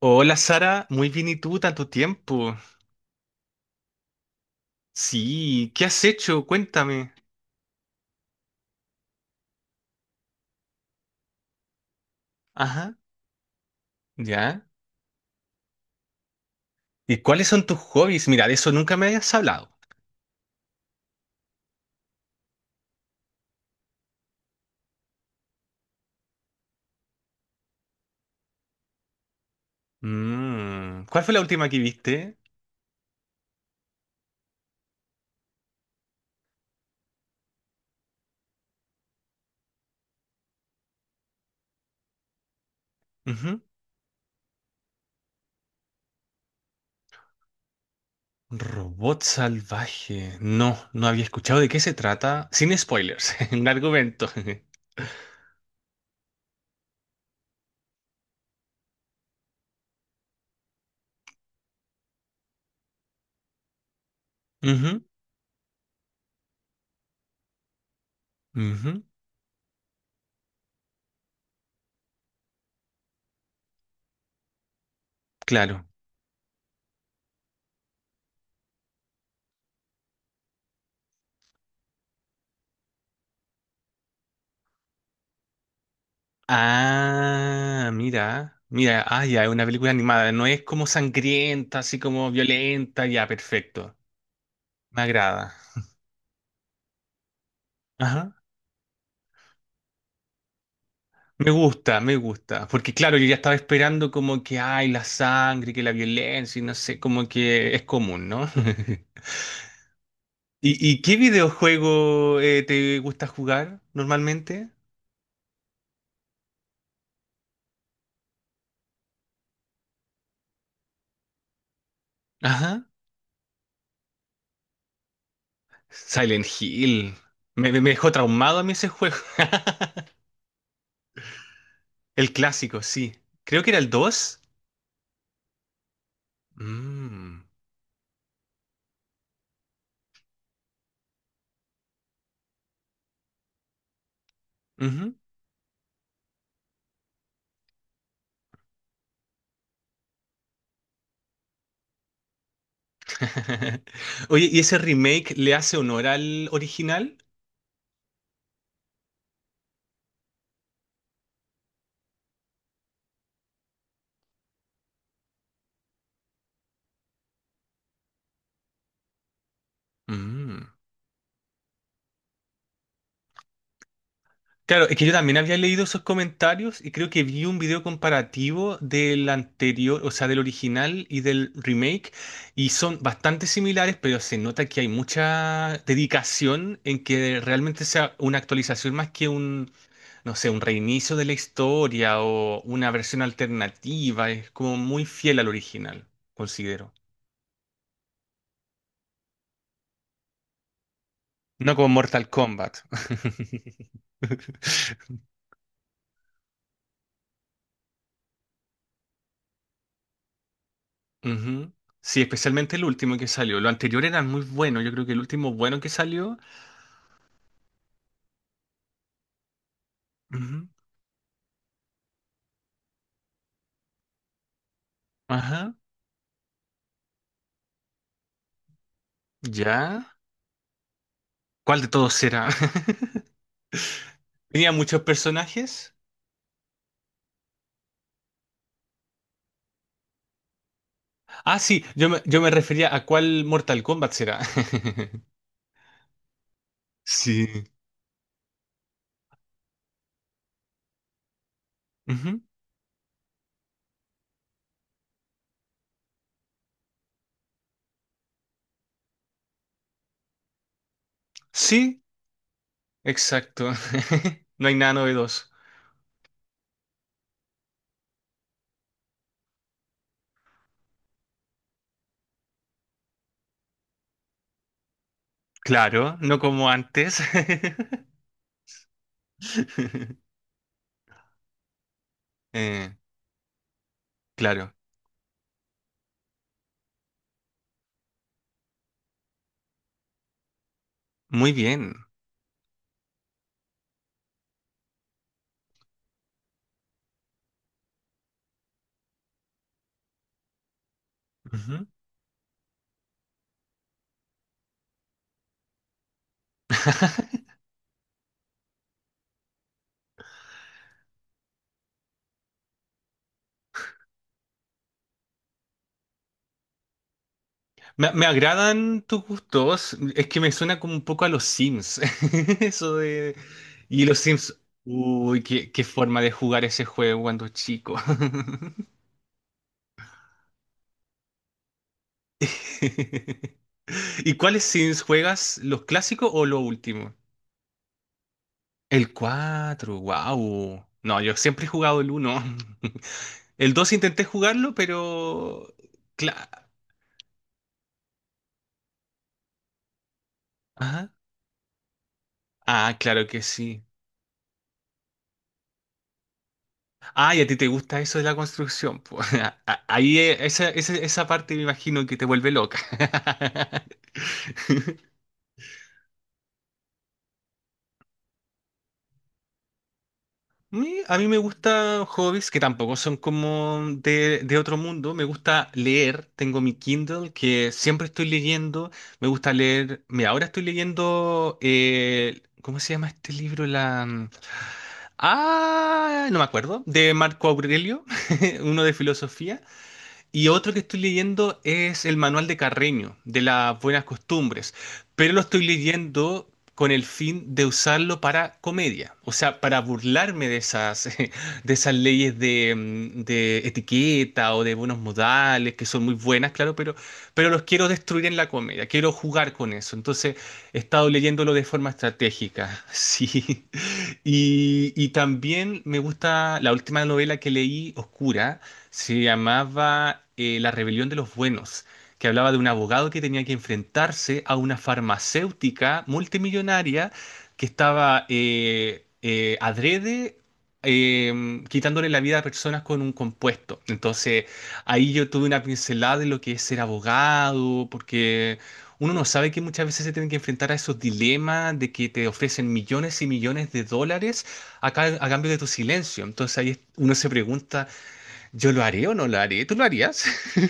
Hola Sara, muy bien y tú, tanto tiempo. Sí, ¿qué has hecho? Cuéntame. Ajá, ya. ¿Y cuáles son tus hobbies? Mira, de eso nunca me habías hablado. Mm, ¿cuál fue la última que viste? Ujú. Robot salvaje. No, no había escuchado de qué se trata. Sin spoilers, un argumento. Ujú, ujú, claro. Ah, mira, mira, ah, ya, es una película animada. No es como sangrienta, así como violenta, ya, perfecto. Me agrada. Ajá. Me gusta, me gusta. Porque claro, yo ya estaba esperando como que hay la sangre, que la violencia, y no sé, como que es común, ¿no? ¿Y, qué videojuego te gusta jugar normalmente? Ajá. Silent Hill. Me dejó traumado a mí ese juego. El clásico, sí. Creo que era el dos. Mm. Ujú. Oye, ¿y ese remake le hace honor al original? Mm. Claro, es que yo también había leído esos comentarios y creo que vi un video comparativo del anterior, o sea, del original y del remake, y son bastante similares, pero se nota que hay mucha dedicación en que realmente sea una actualización más que un, no sé, un reinicio de la historia o una versión alternativa. Es como muy fiel al original, considero. No como Mortal Kombat. Ujú. Sí, especialmente el último que salió. Lo anterior eran muy buenos. Yo creo que el último bueno que salió. Ujú. Ajá. ¿Ya? ¿Cuál de todos era? ¿Tenía muchos personajes? Ah, sí, yo me refería a cuál Mortal Kombat será. Sí. Ujú. Sí, exacto. No hay nada novedoso. Claro, no como antes. Eh, claro. Muy bien. Ujú. Me agradan tus gustos, es que me suena como un poco a los Sims. Eso de... Y los Sims, uy, qué, qué forma de jugar ese juego cuando chico. ¿Y cuáles Sims juegas? ¿Los clásicos o los últimos? El cuatro, wow. No, yo siempre he jugado el uno. El 2 intenté jugarlo, pero... cla- Ajá. Ah, claro que sí. Ah, y a ti te gusta eso de la construcción. Po. Ahí esa, esa parte me imagino que te vuelve loca. A mí me gustan hobbies que tampoco son como de otro mundo. Me gusta leer. Tengo mi Kindle que siempre estoy leyendo. Me gusta leer. Mira, ahora estoy leyendo. ¿Cómo se llama este libro? La... ah, no me acuerdo. De Marco Aurelio, uno de filosofía. Y otro que estoy leyendo es el Manual de Carreño, de las buenas costumbres, pero lo estoy leyendo con el fin de usarlo para comedia, o sea, para burlarme de esas, de esas leyes de, de etiqueta o de buenos modales, que son muy buenas, claro, pero los quiero destruir en la comedia, quiero jugar con eso. Entonces, he estado leyéndolo de forma estratégica, sí. Y, también me gusta la última novela que leí, Oscura se llamaba La Rebelión de los Buenos, que hablaba de un abogado que tenía que enfrentarse a una farmacéutica multimillonaria que estaba adrede quitándole la vida a personas con un compuesto. Entonces, ahí yo tuve una pincelada de lo que es ser abogado, porque uno no sabe que muchas veces se tienen que enfrentar a esos dilemas de que te ofrecen millones y millones de dólares a, a cambio de tu silencio. Entonces ahí uno se pregunta, ¿yo lo haré o no lo haré? ¿Tú lo harías?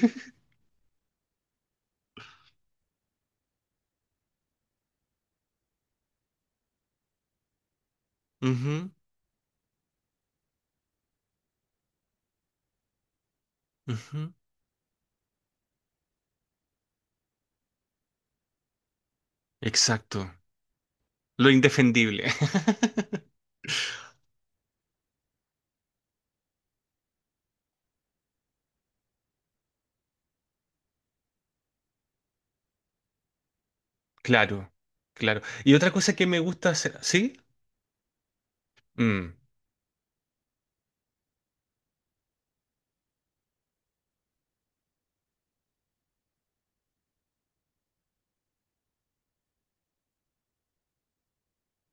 Ujú, ujú. Exacto. Lo indefendible. Claro, claro. Y otra cosa que me gusta hacer, ¿sí? Mm,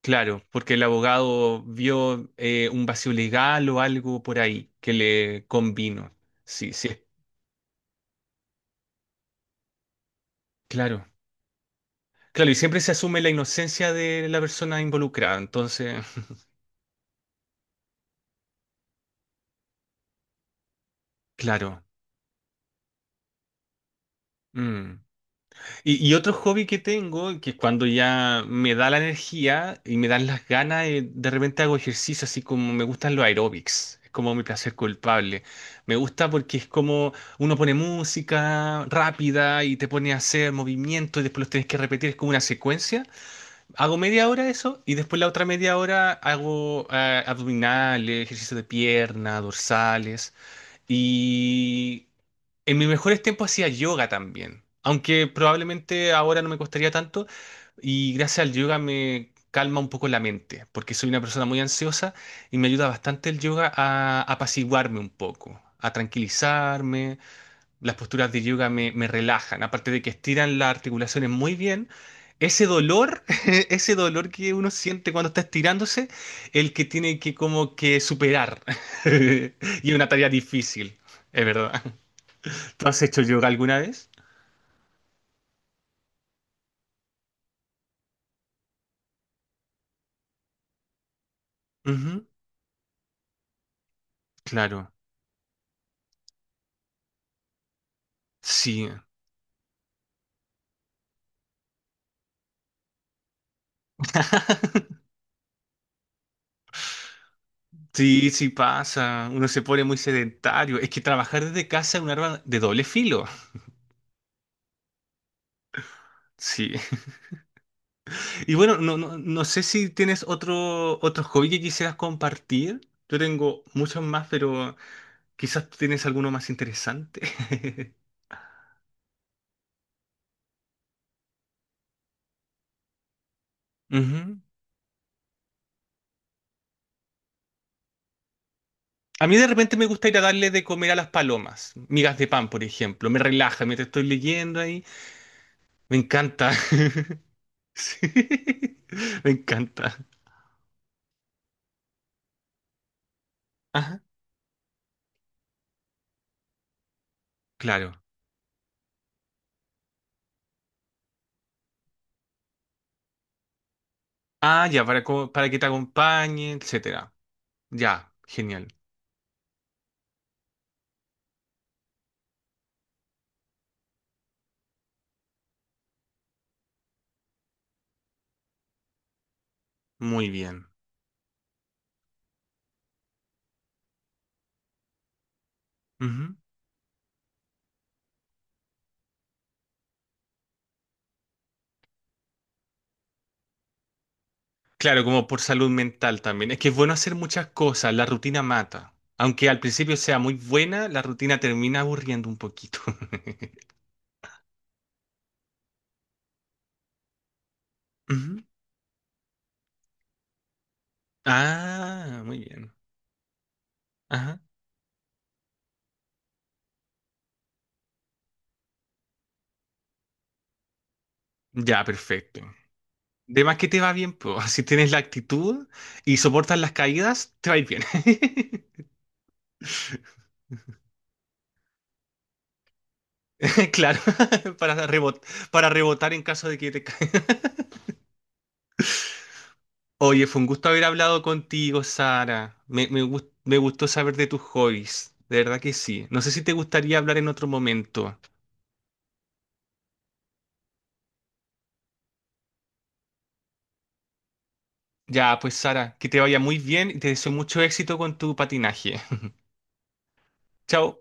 claro, porque el abogado vio un vacío legal o algo por ahí que le convino. Sí, sí, claro. Claro, y siempre se asume la inocencia de la persona involucrada, entonces, claro. Mm. Y, otro hobby que tengo, que cuando ya me da la energía y me dan las ganas, de repente hago ejercicio, así como me gustan los aeróbics. Es como mi placer culpable. Me gusta porque es como uno pone música rápida y te pone a hacer movimientos y después los tienes que repetir, es como una secuencia. Hago media hora eso y después la otra media hora hago abdominales, ejercicio de pierna, dorsales. Y en mis mejores tiempos hacía yoga también, aunque probablemente ahora no me costaría tanto y gracias al yoga me calma un poco la mente, porque soy una persona muy ansiosa y me ayuda bastante el yoga a apaciguarme un poco, a tranquilizarme. Las posturas de yoga me relajan, aparte de que estiran las articulaciones muy bien. Ese dolor, ese dolor que uno siente cuando está estirándose, el que tiene que como que superar. Y una tarea difícil, es verdad. ¿Tú has hecho yoga alguna vez? Ujú, claro, sí. Sí, sí pasa. Uno se pone muy sedentario. Es que trabajar desde casa es un arma de doble filo. Sí. Y bueno, no, no, no sé si tienes otro, otro hobby que quisieras compartir. Yo tengo muchos más, pero quizás tienes alguno más interesante. Ujú. A mí de repente me gusta ir a darle de comer a las palomas. Migas de pan, por ejemplo. Me relaja mientras estoy leyendo ahí. Me encanta. Sí, me encanta. Ajá, claro. Ah, ya, para, para que te acompañe, etcétera. Ya, genial. Muy bien. Ujú. Claro, como por salud mental también. Es que es bueno hacer muchas cosas, la rutina mata. Aunque al principio sea muy buena, la rutina termina aburriendo un poquito. Ujú. Ah, muy bien. Ajá. Ya, perfecto. De más que te va bien, pues, si tienes la actitud y soportas las caídas, te va a ir bien. Claro, para, para rebotar en caso de que te caiga. Oye, fue un gusto haber hablado contigo, Sara. Me gustó saber de tus hobbies. De verdad que sí. No sé si te gustaría hablar en otro momento. Ya, pues Sara, que te vaya muy bien y te deseo mucho éxito con tu patinaje. Chao.